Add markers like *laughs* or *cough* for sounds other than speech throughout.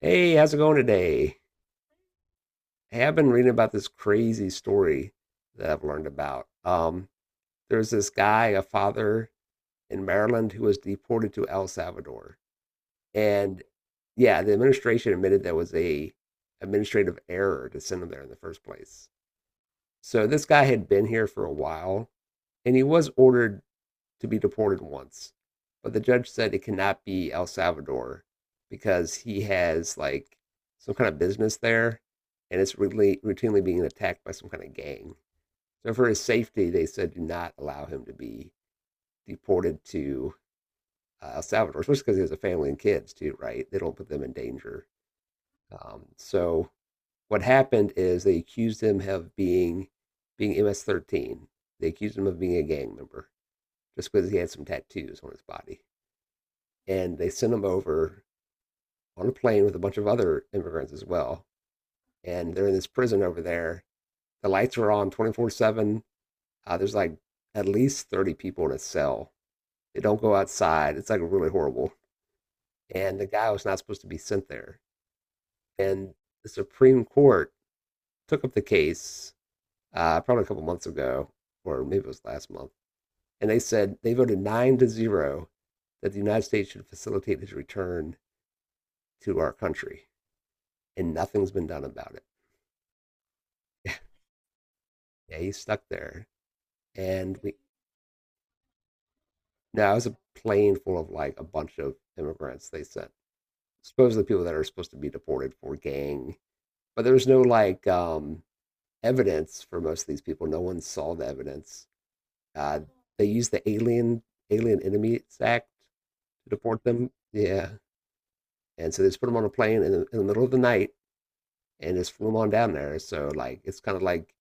Hey, how's it going today? Hey, I've been reading about this crazy story that I've learned about. There's this guy, a father in Maryland, who was deported to El Salvador. And yeah, the administration admitted there was a administrative error to send him there in the first place. So this guy had been here for a while, and he was ordered to be deported once, but the judge said it cannot be El Salvador because he has like some kind of business there, and it's really routinely being attacked by some kind of gang. So for his safety, they said do not allow him to be deported to El Salvador, especially because he has a family and kids too, right? They don't put them in danger. So what happened is they accused him of being MS-13. They accused him of being a gang member just because he had some tattoos on his body. And they send them over on a plane with a bunch of other immigrants as well. And they're in this prison over there. The lights are on 24/7. There's like at least 30 people in a cell. They don't go outside. It's like really horrible. And the guy was not supposed to be sent there. And the Supreme Court took up the case probably a couple months ago, or maybe it was last month. And they said they voted 9-0 that the United States should facilitate his return to our country. And nothing's been done about it. Yeah, he's stuck there. And we Now it was a plane full of like a bunch of immigrants they sent. Supposedly people that are supposed to be deported for gang. But there was no like evidence for most of these people. No one saw the evidence. Uh they used the alien enemies act to deport them. Yeah. And so they just put them on a plane in the middle of the night and just flew them on down there. So like it's kind of like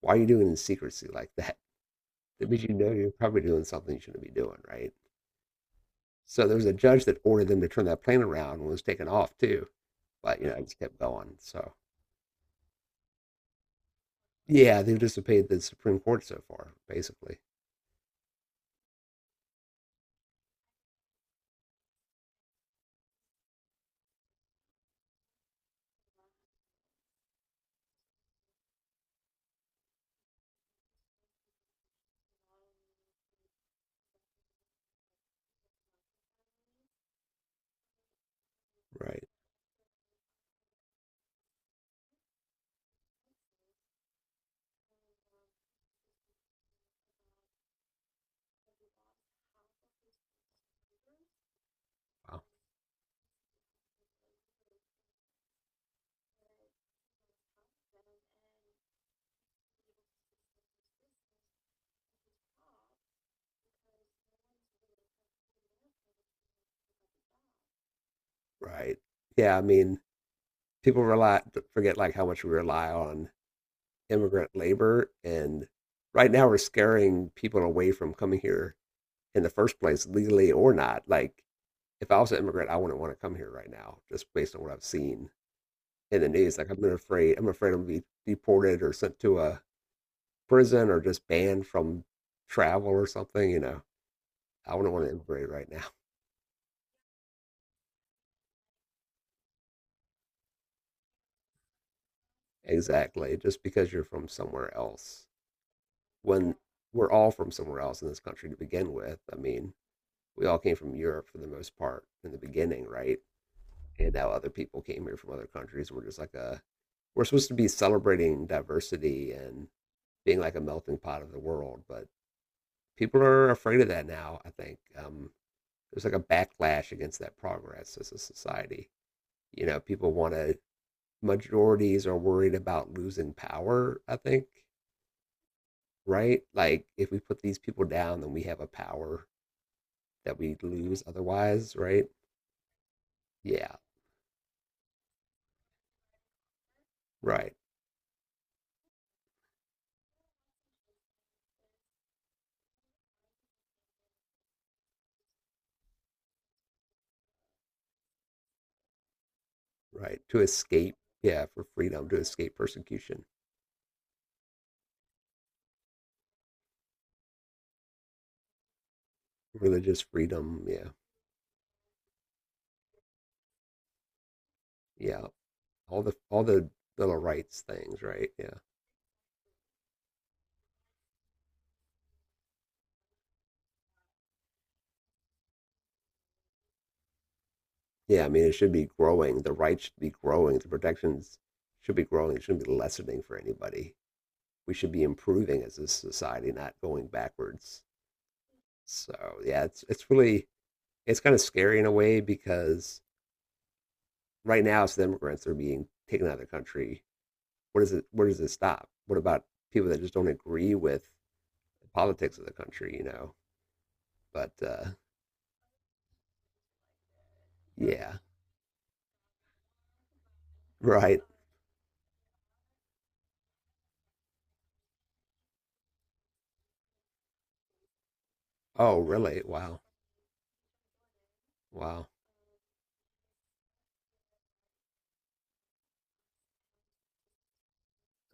why are you doing it in secrecy like that? That means you know you're probably doing something you shouldn't be doing, right? So there was a judge that ordered them to turn that plane around and was taken off too. But you know, it just kept going. So yeah, they've disobeyed the Supreme Court so far, basically. Right. Wow. Right. Yeah, I mean, people rely forget like how much we rely on immigrant labor, and right now we're scaring people away from coming here in the first place, legally or not. Like, if I was an immigrant, I wouldn't want to come here right now, just based on what I've seen in the news. Like, I've been afraid. I'm afraid I'm gonna be deported or sent to a prison or just banned from travel or something, you know, I wouldn't want to immigrate right now. *laughs* Exactly. Just because you're from somewhere else. When we're all from somewhere else in this country to begin with. I mean, we all came from Europe for the most part in the beginning, right? And now other people came here from other countries. We're just like a, we're supposed to be celebrating diversity and being like a melting pot of the world, but people are afraid of that now. I think there's like a backlash against that progress as a society. You know, people want to, majorities are worried about losing power, I think, right? Like, if we put these people down, then we have a power that we lose otherwise, right? Yeah, right, right. To escape, yeah, for freedom, to escape persecution, religious freedom, yeah, yeah. All the little rights things, right? Yeah. Yeah, I mean, it should be growing. The rights should be growing. The protections should be growing. It shouldn't be lessening for anybody. We should be improving as a society, not going backwards. So yeah, it's really it's kind of scary in a way because right now it's the immigrants that are being taken out of the country. What is it, where does it stop? What about people that just don't agree with the politics of the country, you know? But yeah. *laughs* Right. Oh really? Wow. Wow.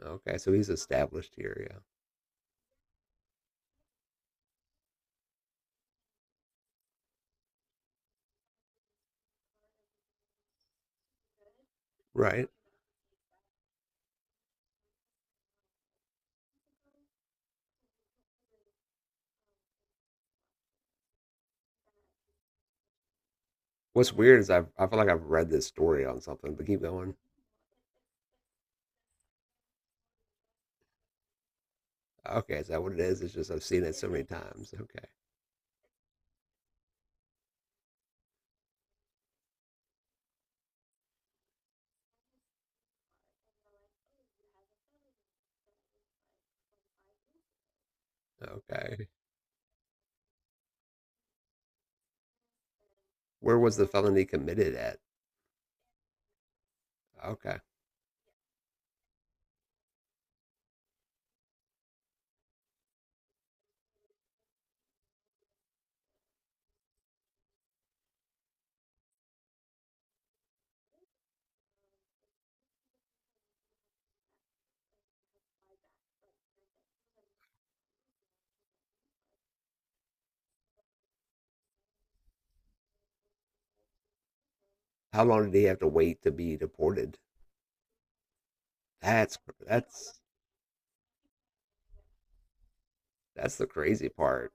Okay. So he's established here, yeah. Right. What's weird is I feel like I've read this story on something, but keep going. Okay, is that what it is? It's just I've seen it so many times. Okay. Okay. Where was the felony committed at? Okay. How long did he have to wait to be deported? That's that's that's the crazy part.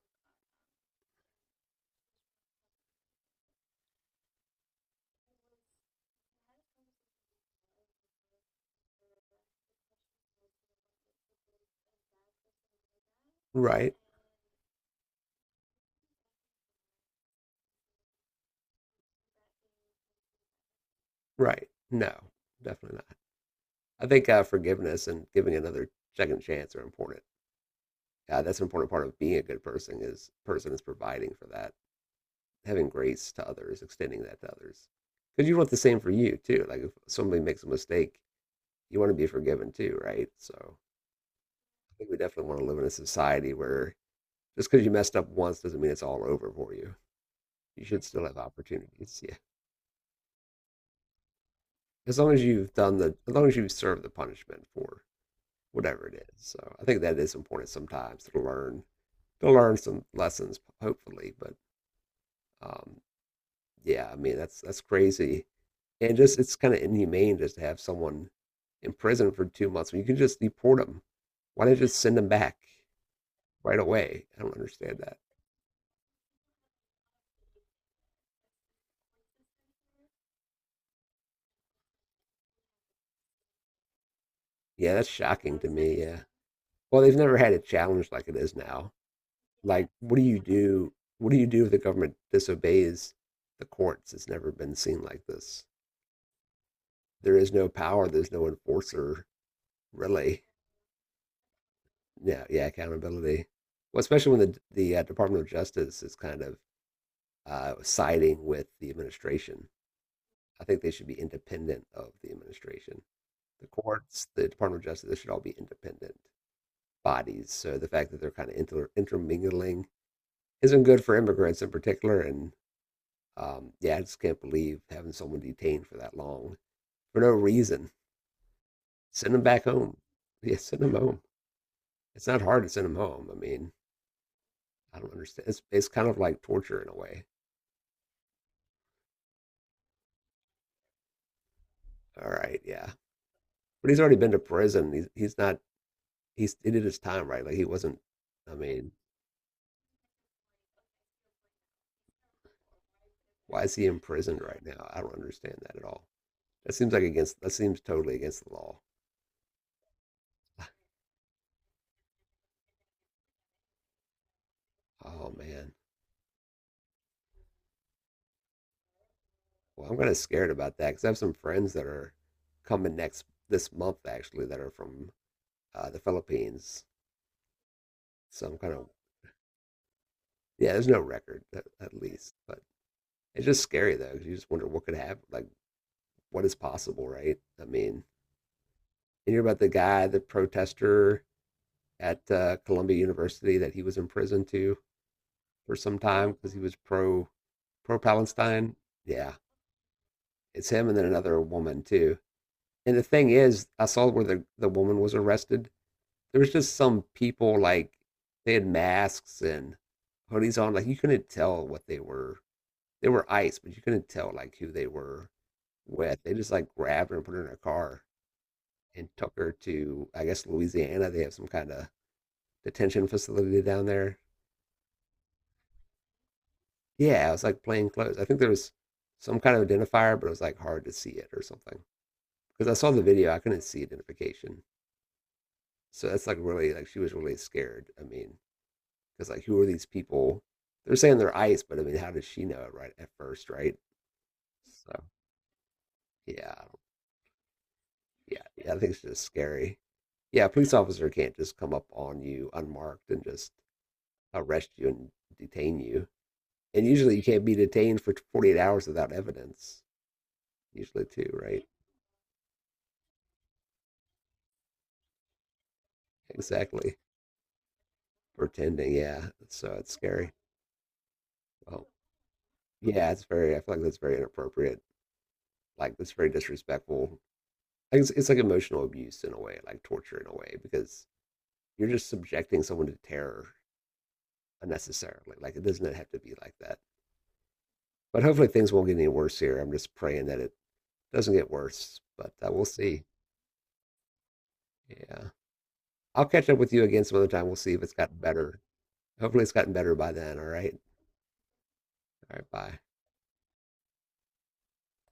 Right. Right. No, definitely not. I think forgiveness and giving another second chance are important. That's an important part of being a good person is providing for that, having grace to others, extending that to others. Because you want the same for you too. Like if somebody makes a mistake, you want to be forgiven too, right? So I think we definitely want to live in a society where just because you messed up once doesn't mean it's all over for you. You should still have opportunities. Yeah. As long as you've done the, as long as you've served the punishment for whatever it is. So I think that is important sometimes to learn, some lessons, hopefully. But um, yeah, I mean, that's crazy. And just, it's kind of inhumane just to have someone in prison for 2 months when you can just deport them. Why not just send them back right away? I don't understand that. Yeah, that's shocking to me. Yeah. Well, they've never had a challenge like it is now. Like, what do you do if the government disobeys the courts. It's never been seen like this. There is no power. There's no enforcer, really. Yeah, yeah, accountability. Well, especially when the department of justice is kind of siding with the administration. I think they should be independent of the administration. The courts, the department of justice, they should all be independent bodies. So the fact that they're kind of intermingling isn't good for immigrants in particular, and yeah, I just can't believe having someone detained for that long for no reason. Send them back home. Yeah, send them home. It's not hard to send them home. I mean, I don't understand. It's kind of like torture in a way. All right, yeah. But he's already been to prison. He's not, he did his time, right? Like he wasn't, I mean, why is he imprisoned right now? I don't understand that at all. That seems like against, that seems totally against the law. Oh, man. Well, I'm kind of scared about that because I have some friends that are coming next this month actually that are from the Philippines. Some kind of yeah. There's no record at least, but it's just scary though. 'Cause you just wonder what could happen, like what is possible, right? I mean, you hear about the guy, the protester at Columbia University that he was in prison to for some time because he was pro Palestine. Yeah, it's him and then another woman too. And the thing is, I saw where the woman was arrested. There was just some people like they had masks and hoodies on, like you couldn't tell what they were ice, but you couldn't tell like who they were with. They just like grabbed her and put her in a car and took her to I guess Louisiana. They have some kind of detention facility down there. Yeah, it was like plain clothes. I think there was some kind of identifier, but it was like hard to see it or something. Because I saw the video, I couldn't see identification. So that's like really, like, she was really scared. I mean, because like who are these people? They're saying they're ice, but I mean, how does she know it right at first, right? So yeah, yeah, yeah, I think it's just scary. Yeah, a police officer can't just come up on you unmarked and just arrest you and detain you. And usually you can't be detained for 48 hours without evidence, usually, too, right? Exactly. Pretending, yeah. So it's scary. Well, yeah, it's very, I feel like that's very inappropriate. Like, that's very disrespectful. Like, It's like emotional abuse in a way, like torture in a way, because you're just subjecting someone to terror unnecessarily. Like, it doesn't have to be like that. But hopefully things won't get any worse here. I'm just praying that it doesn't get worse, but we'll see. Yeah. I'll catch up with you again some other time. We'll see if it's gotten better. Hopefully it's gotten better by then. All right. All right. Bye.